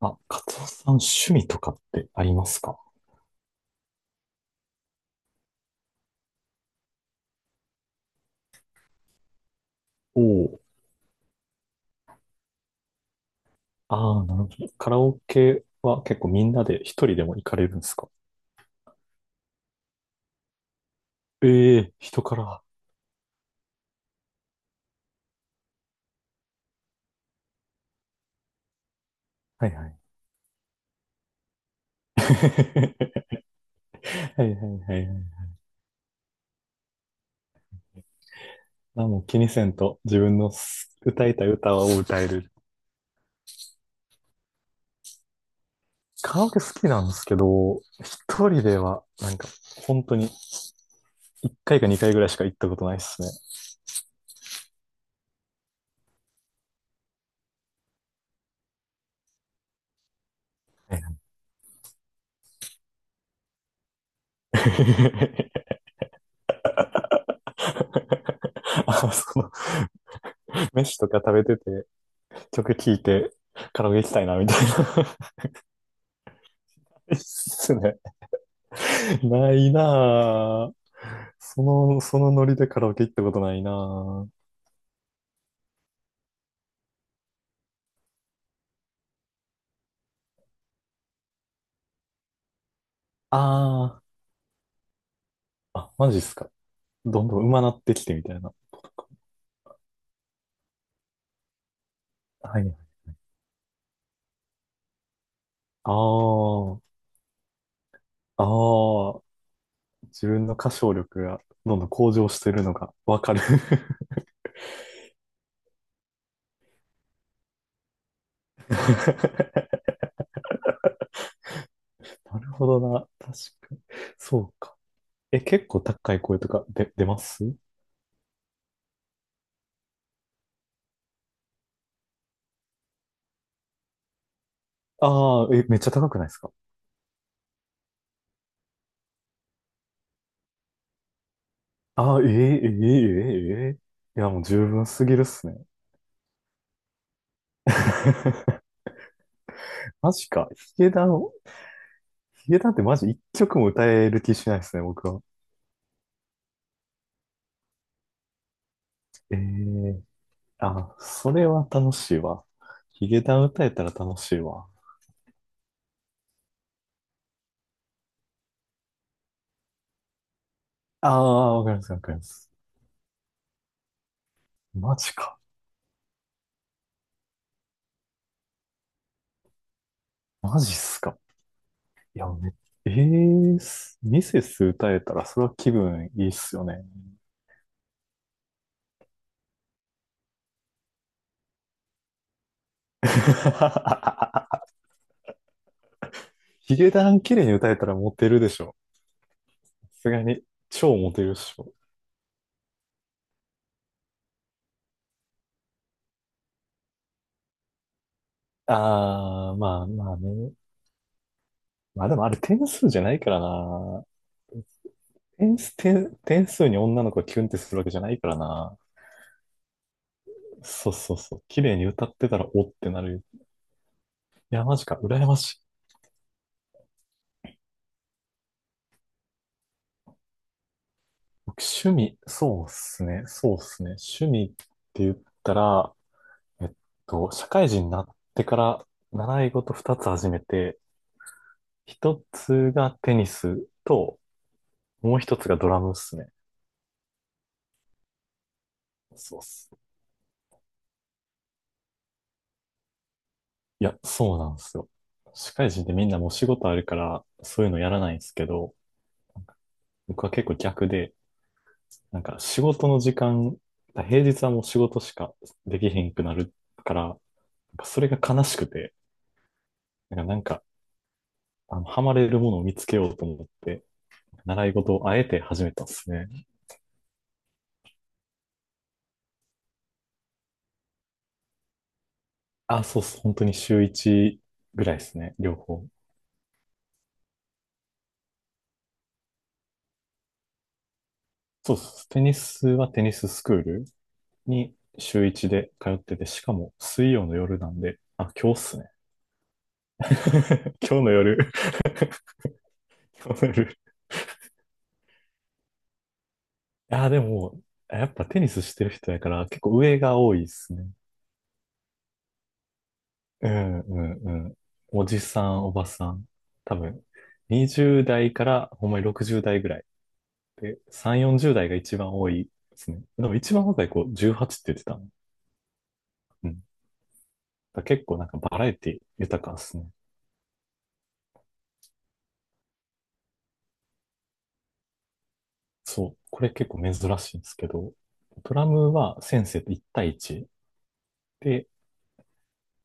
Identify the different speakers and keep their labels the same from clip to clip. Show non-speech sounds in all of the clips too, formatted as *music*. Speaker 1: あ、カツオさん、趣味とかってありますか？おおー。ああ、なるほど。カラオケは結構みんなで一人でも行かれるんですか？ええー、人から。はいはい。*laughs* はいはいはいはい。あ、もう気にせんと自分の歌いたい歌を歌える。カラオケ好きなんですけど、一人ではなんか本当に一回か二回ぐらいしか行ったことないですね。はいはい。 *laughs* あ、飯とか食べてて曲聴いてカラオケ行きたいなみたいな。いいっすね。ないなぁ。そのノリでカラオケ行ったことないなぁ。ああ、あ、マジっすか。どんどん上手なってきてみたいなことか。はい。ああ、ああ、自分の歌唱力がどんどん向上してるのがわかる。*laughs* なるほどな。確かに。そうか。え、結構高い声とか出ますああー、え、めっちゃ高くないですか？ああー、ええええええ、いや、もう十分すぎるっすね。*laughs* マジか。ヒゲダン、ヒゲダンってマジ一曲も歌える気しないですね、僕は。ええ、あ、それは楽しいわ。ヒゲダン歌えたら楽しいわ。ああ、わかります、わかります。マジか。マジっすか。いや、ええ、ミセス歌えたらそれは気分いいっすよね。*laughs* ヒゲダン綺麗に歌えたらモテるでしょ。さすがに、超モテるでしょ。ああ、まあまあね。まあでもあれ点数じゃないからな。点数に女の子がキュンってするわけじゃないからな。そうそうそう。綺麗に歌ってたらおってなるよ。いや、マジか。羨ましい。僕、趣味、そうっすね。そうっすね。趣味って言ったら、えっ社会人になってから習い事二つ始めて、一つがテニスと、もう一つがドラムっすね。そうっす。いや、そうなんですよ。社会人ってみんなもう仕事あるから、そういうのやらないんですけど、僕は結構逆で、なんか仕事の時間、平日はもう仕事しかできへんくなるから、なんかそれが悲しくて、なんかハマれるものを見つけようと思って、習い事をあえて始めたんですね。あ、そうっす。本当に週1ぐらいですね。両方。そうっす。テニスはテニススクールに週1で通ってて、しかも水曜の夜なんで、あ、今日っすね。*laughs* 今日の夜。 *laughs* 今日の夜。あ、でも、やっぱテニスしてる人やから結構上が多いっすね。うんうんうん。おじさん、おばさん。多分、20代からほんまに60代ぐらい。で、3、40代が一番多いですね。でも一番若い子18って言ってたの。うん。だから結構なんかバラエティ豊かですね。そう。これ結構珍しいんですけど、ドラムは先生と1対1。で、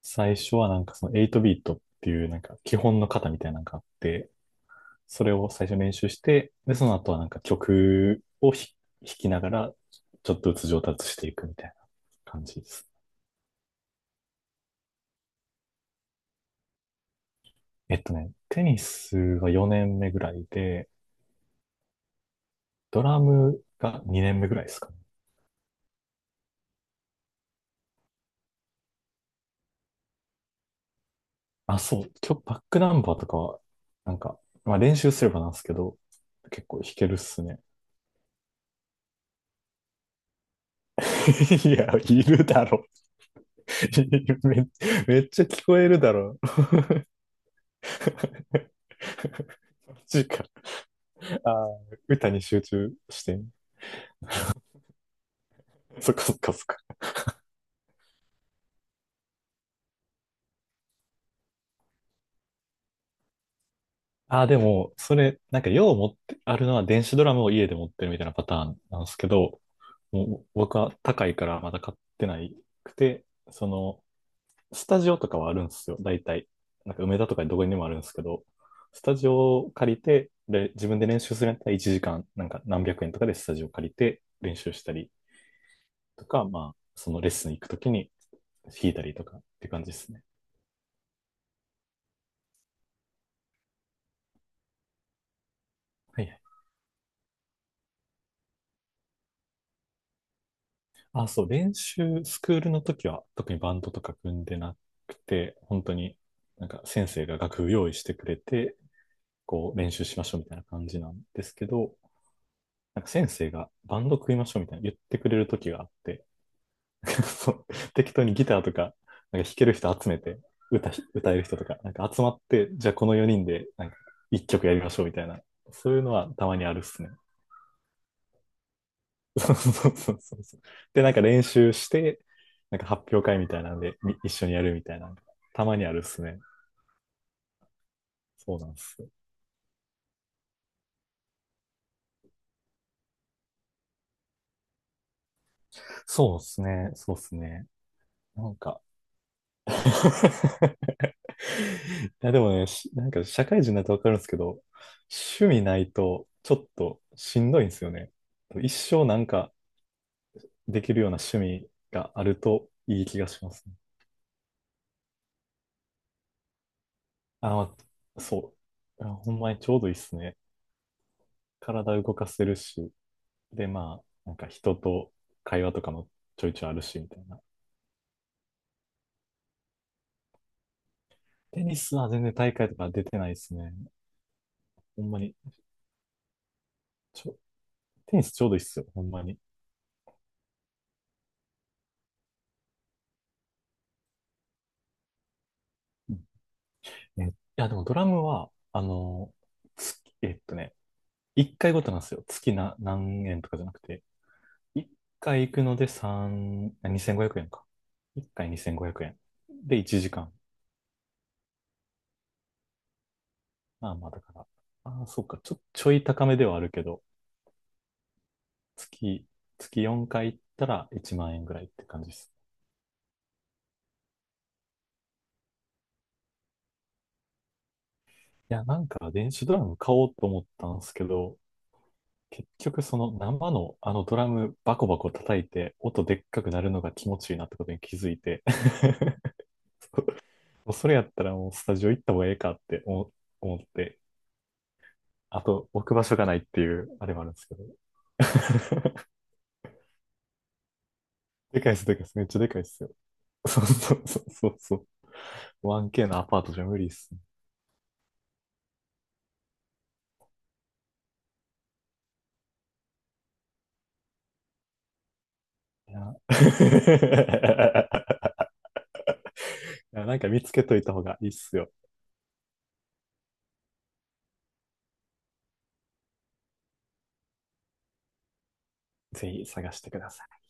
Speaker 1: 最初はなんかその8ビートっていうなんか基本の型みたいなのがあって、それを最初練習して、で、その後はなんか曲を弾きながら、ちょっとずつ上達していくみたいな感じです。テニスは4年目ぐらいで、ドラムが2年目ぐらいですかね。あ、そう、今日バックナンバーとかは、なんか、まあ練習すればなんですけど、結構弾けるっすね。*laughs* いや、いるだろ。 *laughs* め。めっちゃ聞こえるだろ。*laughs* マジか。ああ、歌に集中して。そっかそっかそっか。ああ、でも、それ、なんか、よう持って、あるのは電子ドラムを家で持ってるみたいなパターンなんですけど、もう僕は高いからまだ買ってないくて、その、スタジオとかはあるんですよ、大体。なんか、梅田とかどこにでもあるんですけど、スタジオを借りて、で、自分で練習するんやったら1時間、なんか何百円とかでスタジオ借りて練習したりとか、まあ、そのレッスン行くときに弾いたりとかって感じですね。はいはい、あ、そう、スクールの時は特にバンドとか組んでなくて、本当になんか先生が楽譜用意してくれて、こう練習しましょうみたいな感じなんですけど、なんか先生がバンド組みましょうみたいな言ってくれる時があって、*laughs* そう適当にギターとか、なんか弾ける人集めて、歌える人とか、なんか集まって、じゃあこの4人でなんか1曲やりましょうみたいな、そういうのはたまにあるっすね。そうそうそうそうそう。で、なんか練習して、なんか発表会みたいなんで、一緒にやるみたいなのが、たまにあるっすね。そうなんです。そうですね。そうですね。なんか。 *laughs* いや、でもね、なんか社会人になってわかるんですけど、趣味ないとちょっとしんどいんですよね。一生なんかできるような趣味があるといい気がしますね。あ、まあそう。あ、ほんまにちょうどいいっすね。体動かせるし、で、まあ、なんか人と会話とかもちょいちょいあるし、みたいな。テニスは全然大会とか出てないですね。ほんまに。ちょ、テニスちょうどいいっすよ、ほんまに。うん、いや、でもドラムは、月、えっとね、1回ごとなんですよ。月な何円とかじゃなくて、1回行くので3、あ2500円か。1回2500円。で、1時間。まあまあ、だから。ああ、そうか。ちょい高めではあるけど、月、月4回行ったら1万円ぐらいって感じです。いや、なんか電子ドラム買おうと思ったんですけど、結局その生のあのドラムバコバコ叩いて音でっかくなるのが気持ちいいなってことに気づいて。 *laughs* もうそれやったらもうスタジオ行った方がええかって思って、あと置く場所がないっていうあれもあるんですけど。*laughs* でかいっす、でかいっす。めっちゃでかいっすよ。*laughs* そうそうそうそうそう。1K のアパートじゃ無理っすね。いや。 *laughs* いやなんか見つけといた方がいいっすよ。ぜひ探してください。